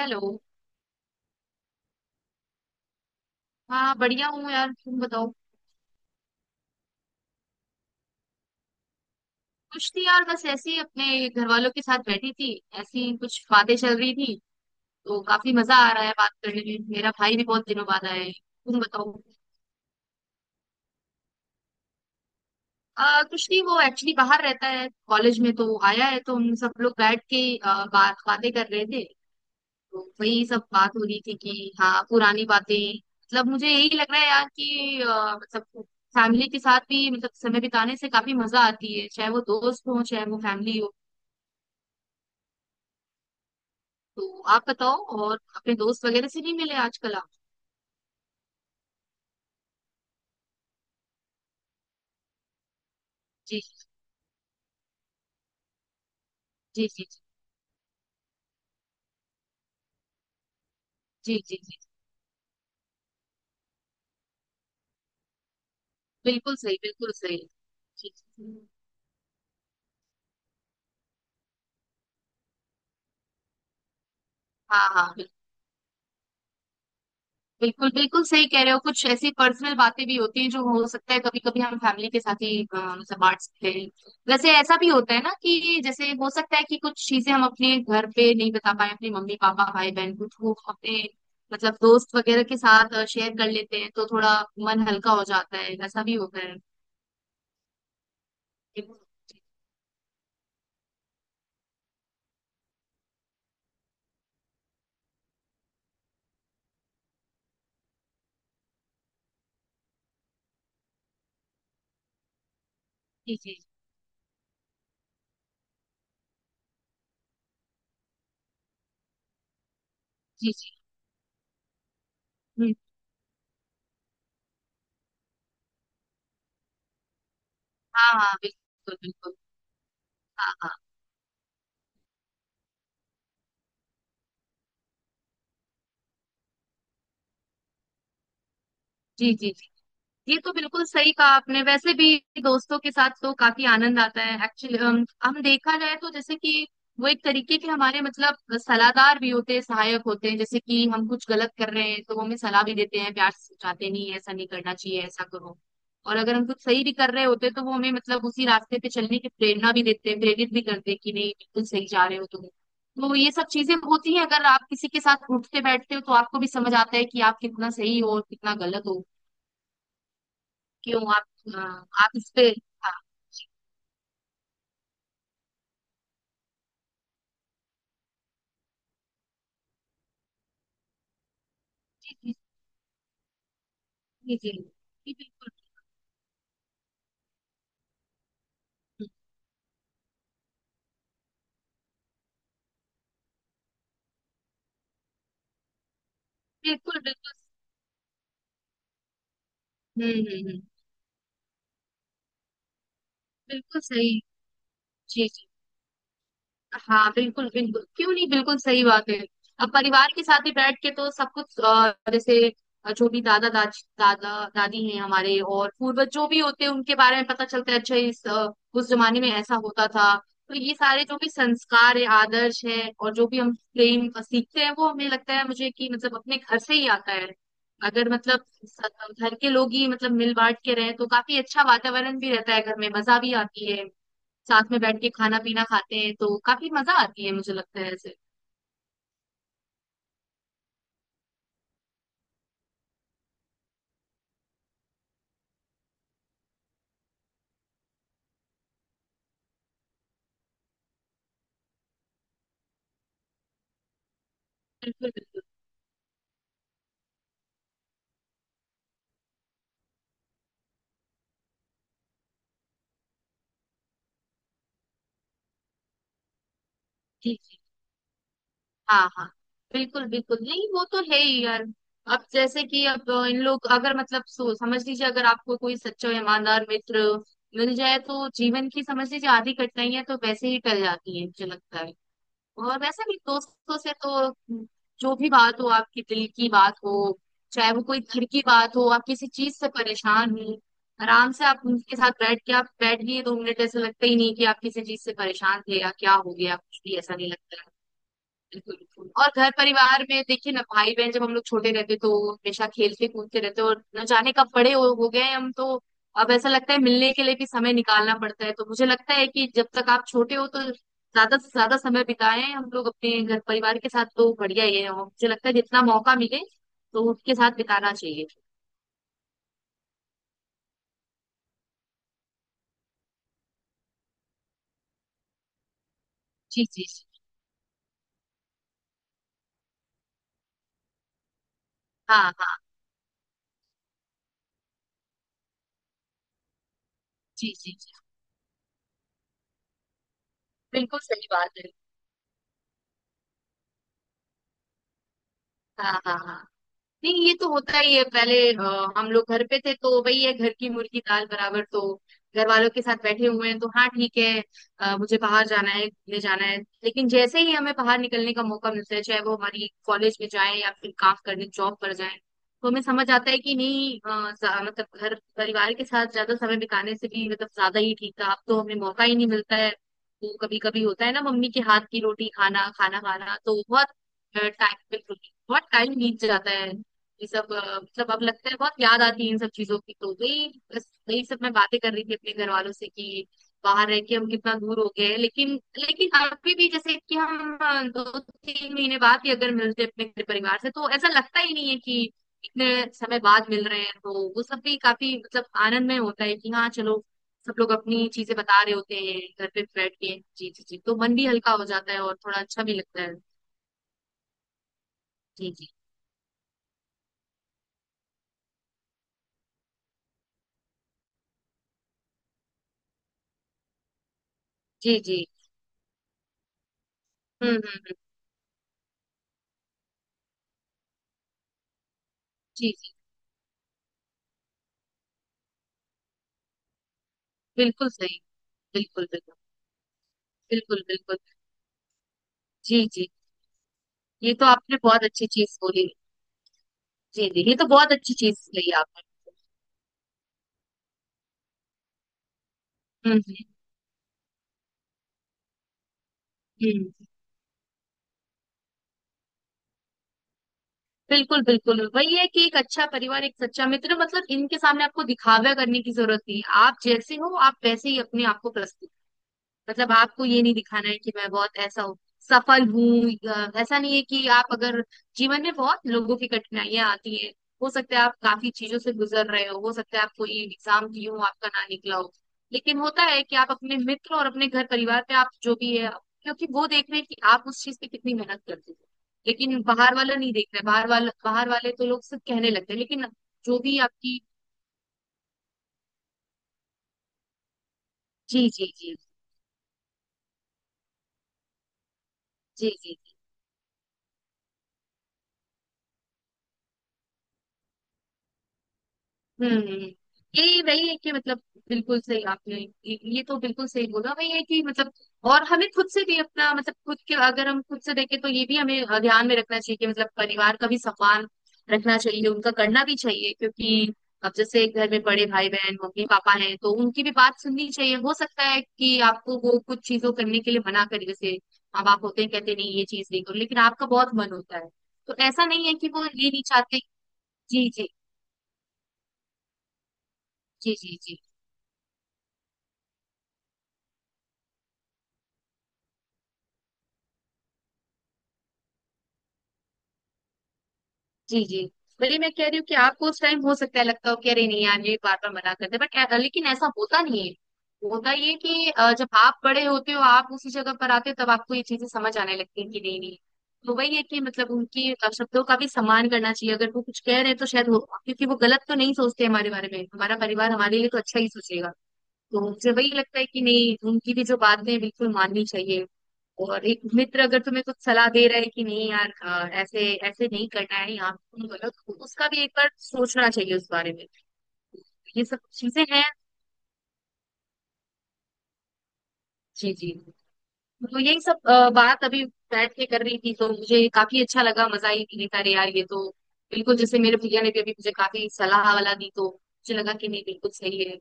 Hello. हाँ बढ़िया हूँ यार, तुम बताओ। कुछ नहीं यार, बस ऐसे ही अपने घर वालों के साथ बैठी थी, ऐसी कुछ बातें चल रही थी। तो काफी मजा आ रहा है बात करने में, मेरा भाई भी बहुत दिनों बाद आया है। तुम बताओ। कुछ नहीं वो एक्चुअली बाहर रहता है कॉलेज में, तो आया है तो हम सब लोग बैठ के आ, बात बातें कर रहे थे। तो वही सब बात हो रही थी कि हाँ पुरानी बातें, मतलब मुझे यही लग रहा है यार कि मतलब फैमिली के साथ भी मतलब समय बिताने से काफी मजा आती है, चाहे वो दोस्त हो चाहे वो फैमिली हो। तो आप बताओ, और अपने दोस्त वगैरह से नहीं मिले आजकल आप? जी जी जी जी जी जी। बिल्कुल सही, बिल्कुल सही। जी जी। हाँ हाँ बिल्कुल। बिल्कुल बिल्कुल सही कह रहे हो, कुछ ऐसी पर्सनल बातें भी होती हैं जो हो सकता है कभी कभी हम फैमिली के साथ ही मतलब बांट सकते हैं। वैसे ऐसा भी होता है ना कि जैसे हो सकता है कि कुछ चीजें हम अपने घर पे नहीं बता पाए अपने मम्मी पापा भाई बहन को, तो अपने मतलब दोस्त वगैरह के साथ शेयर कर लेते हैं तो थोड़ा मन हल्का हो जाता है, ऐसा भी होता है। जी जी जी जी। हुँ, हाँ, हाँ, बिल्कुल, बिल्कुल। हाँ, हाँ। जी, जी, जी। ये तो बिल्कुल सही कहा आपने, वैसे भी दोस्तों के साथ तो काफी आनंद आता है। एक्चुअली हम देखा जाए तो जैसे कि वो एक तरीके के हमारे मतलब सलाहदार भी होते हैं, सहायक होते हैं। जैसे कि हम कुछ गलत कर रहे हैं तो वो हमें सलाह भी देते हैं, प्यार से समझाते हैं, नहीं ऐसा नहीं करना चाहिए, ऐसा करो। और अगर हम कुछ सही भी कर रहे होते हैं तो वो हमें मतलब उसी रास्ते पे चलने की प्रेरणा भी देते हैं, प्रेरित भी करते हैं कि नहीं बिल्कुल सही जा रहे हो तुम। तो ये सब चीजें होती हैं, अगर आप किसी के साथ उठते बैठते हो तो आपको भी समझ आता है कि आप कितना सही हो और कितना गलत हो। क्यों आप? हाँ, आप इस पे। हाँ। जी जी जी जी। जी, बिल्कुल। बिल्कुल बिल्कुल। हम्म हम्म हम्म, बिल्कुल सही। जी जी। हाँ बिल्कुल बिल्कुल, क्यों नहीं, बिल्कुल सही बात है। अब परिवार के साथ ही बैठ के तो सब कुछ जैसे जो भी दादा दादी हैं हमारे और पूर्वज जो भी होते हैं उनके बारे में पता चलता है, अच्छा इस उस जमाने में ऐसा होता था। तो ये सारे जो भी संस्कार है आदर्श है और जो भी हम प्रेम सीखते हैं, वो हमें लगता है मुझे कि मतलब अपने घर से ही आता है। अगर मतलब घर के लोग ही मतलब मिल बांट के रहे तो काफी अच्छा वातावरण भी रहता है घर में, मजा भी आती है। साथ में बैठ के खाना पीना खाते हैं तो काफी मजा आती है, मुझे लगता है ऐसे। बिल्कुल बिल्कुल। जी जी। हाँ हाँ। बिल्कुल बिल्कुल, नहीं वो तो है ही यार। अब जैसे कि अब इन लोग अगर मतलब सो समझ लीजिए, अगर आपको कोई सच्चा और ईमानदार मित्र मिल जाए तो जीवन की समझ लीजिए आधी कठिनाइयां तो वैसे ही टल जाती है, मुझे लगता है। और वैसे भी दोस्तों से तो जो भी बात हो, आपकी दिल की बात हो, चाहे वो कोई घर की बात हो, आप किसी चीज से परेशान हो, आराम से आप उनके साथ बैठ के, आप बैठ गए 2 मिनट ऐसे लगता ही नहीं कि आप किसी चीज से परेशान थे या क्या हो गया, कुछ भी ऐसा नहीं लगता है। बिल्कुल बिल्कुल। और घर परिवार में देखिए ना, भाई बहन जब हम लोग छोटे रहते तो हमेशा खेलते कूदते रहते, और न जाने कब बड़े हो गए हैं हम तो। अब ऐसा लगता है मिलने के लिए भी समय निकालना पड़ता है। तो मुझे लगता है कि जब तक आप छोटे हो तो ज्यादा से ज्यादा समय बिताएं हम लोग अपने घर परिवार के साथ तो बढ़िया ही है, और मुझे लगता है जितना मौका मिले तो उनके साथ बिताना चाहिए। जी जी जी। हाँ हाँ। जी जी जी। बिल्कुल सही बात है। हाँ हाँ हाँ। नहीं ये तो होता ही है, पहले हम लोग घर पे थे तो वही है, घर की मुर्गी दाल बराबर। तो घर वालों के साथ बैठे हुए हैं तो हाँ ठीक है, मुझे बाहर जाना है घूमने जाना है। लेकिन जैसे ही हमें बाहर निकलने का मौका मिलता है चाहे वो हमारी कॉलेज में जाए या फिर काम करने जॉब पर जाए, तो हमें समझ आता है कि नहीं मतलब घर परिवार के साथ ज्यादा समय बिताने से भी मतलब ज्यादा ही ठीक था। अब तो हमें मौका ही नहीं मिलता है, तो कभी कभी होता है ना, मम्मी के हाथ की रोटी खाना खाना खाना तो टाइम बहुत टाइम बीत जाता है। ये सब मतलब अब लगता है, बहुत याद आती है इन सब चीजों की, तो वही बस वही सब मैं बातें कर रही थी अपने घर वालों से कि बाहर रह के हम कितना दूर हो गए हैं। लेकिन लेकिन अभी भी जैसे कि हम 2 3 महीने बाद ही अगर मिलते हैं अपने घर परिवार से, तो ऐसा लगता ही नहीं है कि इतने समय बाद मिल रहे हैं। तो वो सब भी काफी मतलब आनंद में होता है कि हाँ चलो सब लोग अपनी चीजें बता रहे होते हैं घर पे बैठ के। जी जी जी। तो मन भी हल्का हो जाता है और थोड़ा अच्छा भी लगता है। जी जी जी जी। हम्म। जी जी। बिल्कुल सही। बिल्कुल बिल्कुल। बिल्कुल बिल्कुल। जी जी। ये तो आपने बहुत अच्छी चीज बोली। जी जी, ये तो बहुत अच्छी चीज कही आपने। हम्म हम्म हम्म, बिल्कुल बिल्कुल। वही है कि एक अच्छा परिवार, एक सच्चा मित्र, मतलब इनके सामने आपको दिखावा करने की जरूरत नहीं है। आप जैसे हो आप वैसे ही अपने आप को प्रस्तुत, मतलब आपको ये नहीं दिखाना है कि मैं बहुत ऐसा हूँ, सफल हूँ। ऐसा नहीं है कि आप अगर जीवन में बहुत लोगों की कठिनाइयां आती हैं, हो सकता है आप काफी चीजों से गुजर रहे हो सकता है आप कोई एग्जाम दिए हो आपका ना निकला हो। लेकिन होता है कि आप अपने मित्र और अपने घर परिवार पे आप जो भी है, क्योंकि वो देख रहे हैं कि आप उस चीज पे कितनी मेहनत करते हो। लेकिन बाहर वाला नहीं देख रहे, बाहर वाला, बाहर वाले तो लोग सिर्फ कहने लगते हैं लेकिन। जो भी आपकी। जी जी जी जी जी। हम्म। ये वही है कि मतलब, बिल्कुल सही आपने, ये तो बिल्कुल सही बोला, वही है कि मतलब, और हमें खुद से भी अपना मतलब खुद के अगर हम खुद से देखें, तो ये भी हमें ध्यान में रखना चाहिए कि मतलब परिवार का भी सम्मान रखना चाहिए, उनका करना भी चाहिए क्योंकि अब जैसे घर में बड़े भाई बहन मम्मी पापा हैं तो उनकी भी बात सुननी चाहिए। हो सकता है कि आपको वो कुछ चीजों करने के लिए मना करे, जैसे अब आप होते हैं कहते हैं, नहीं ये चीज नहीं करो, लेकिन आपका बहुत मन होता है। तो ऐसा नहीं है कि वो ये नहीं चाहते। जी जी जी जी जी जी जी। वही मैं कह रही हूँ कि आपको उस टाइम हो सकता है लगता हो कि अरे नहीं यार, ये बार बार मना करते, बट लेकिन ऐसा होता नहीं है। होता ये है कि जब आप बड़े होते हो आप उसी जगह पर आते हो तब आपको ये चीजें समझ आने लगती हैं कि नहीं नहीं। तो वही है कि मतलब उनकी शब्दों का भी सम्मान करना चाहिए, अगर वो कुछ कह रहे हैं तो शायद वो, क्योंकि वो गलत तो नहीं सोचते हमारे बारे में, हमारा परिवार हमारे लिए तो अच्छा ही सोचेगा। तो मुझे वही लगता है कि नहीं उनकी भी जो बातें हैं, बिल्कुल माननी चाहिए। और एक मित्र अगर तुम्हें कुछ सलाह दे रहा है कि नहीं यार ऐसे ऐसे नहीं करना है, यहाँ पे तुम गलत हो, उसका भी एक बार सोचना चाहिए उस बारे में। ये सब चीजें हैं। जी जी। तो यही सब बात अभी बैठ के कर रही थी तो मुझे काफी अच्छा लगा, मजा ही नहीं था रे यार ये तो। बिल्कुल जैसे मेरे भैया ने भी अभी मुझे काफी सलाह वाला दी तो मुझे लगा कि नहीं बिल्कुल सही है।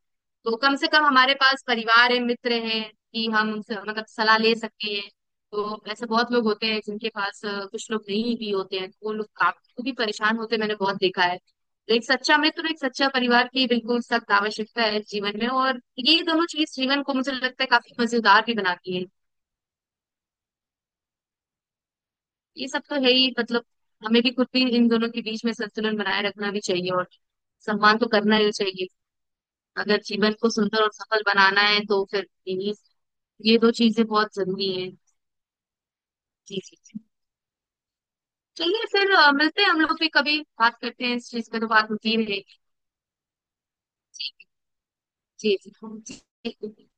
तो कम से कम हमारे पास परिवार है मित्र हैं कि हम उनसे मतलब सलाह ले सकते हैं। तो ऐसे बहुत लोग होते हैं जिनके पास कुछ लोग नहीं भी होते हैं तो वो लोग काफी परेशान होते हैं, मैंने बहुत देखा है। तो एक सच्चा मित्र और एक सच्चा परिवार की बिल्कुल सख्त आवश्यकता है जीवन में, और ये दोनों चीज जीवन को मुझे लगता है काफी मजेदार भी बनाती है। ये सब तो है ही मतलब, हमें भी खुद भी इन दोनों के बीच में संतुलन बनाए रखना भी चाहिए, और सम्मान तो करना ही चाहिए। अगर जीवन को सुंदर और सफल बनाना है तो फिर इन्हीं, ये 2 चीजें बहुत जरूरी हैं। जी जी जी। चलिए फिर मिलते हैं, हम लोग भी कभी बात करते हैं, इस चीज पे तो बात होती ही रहेगी। ठीक है। जी। जी जी।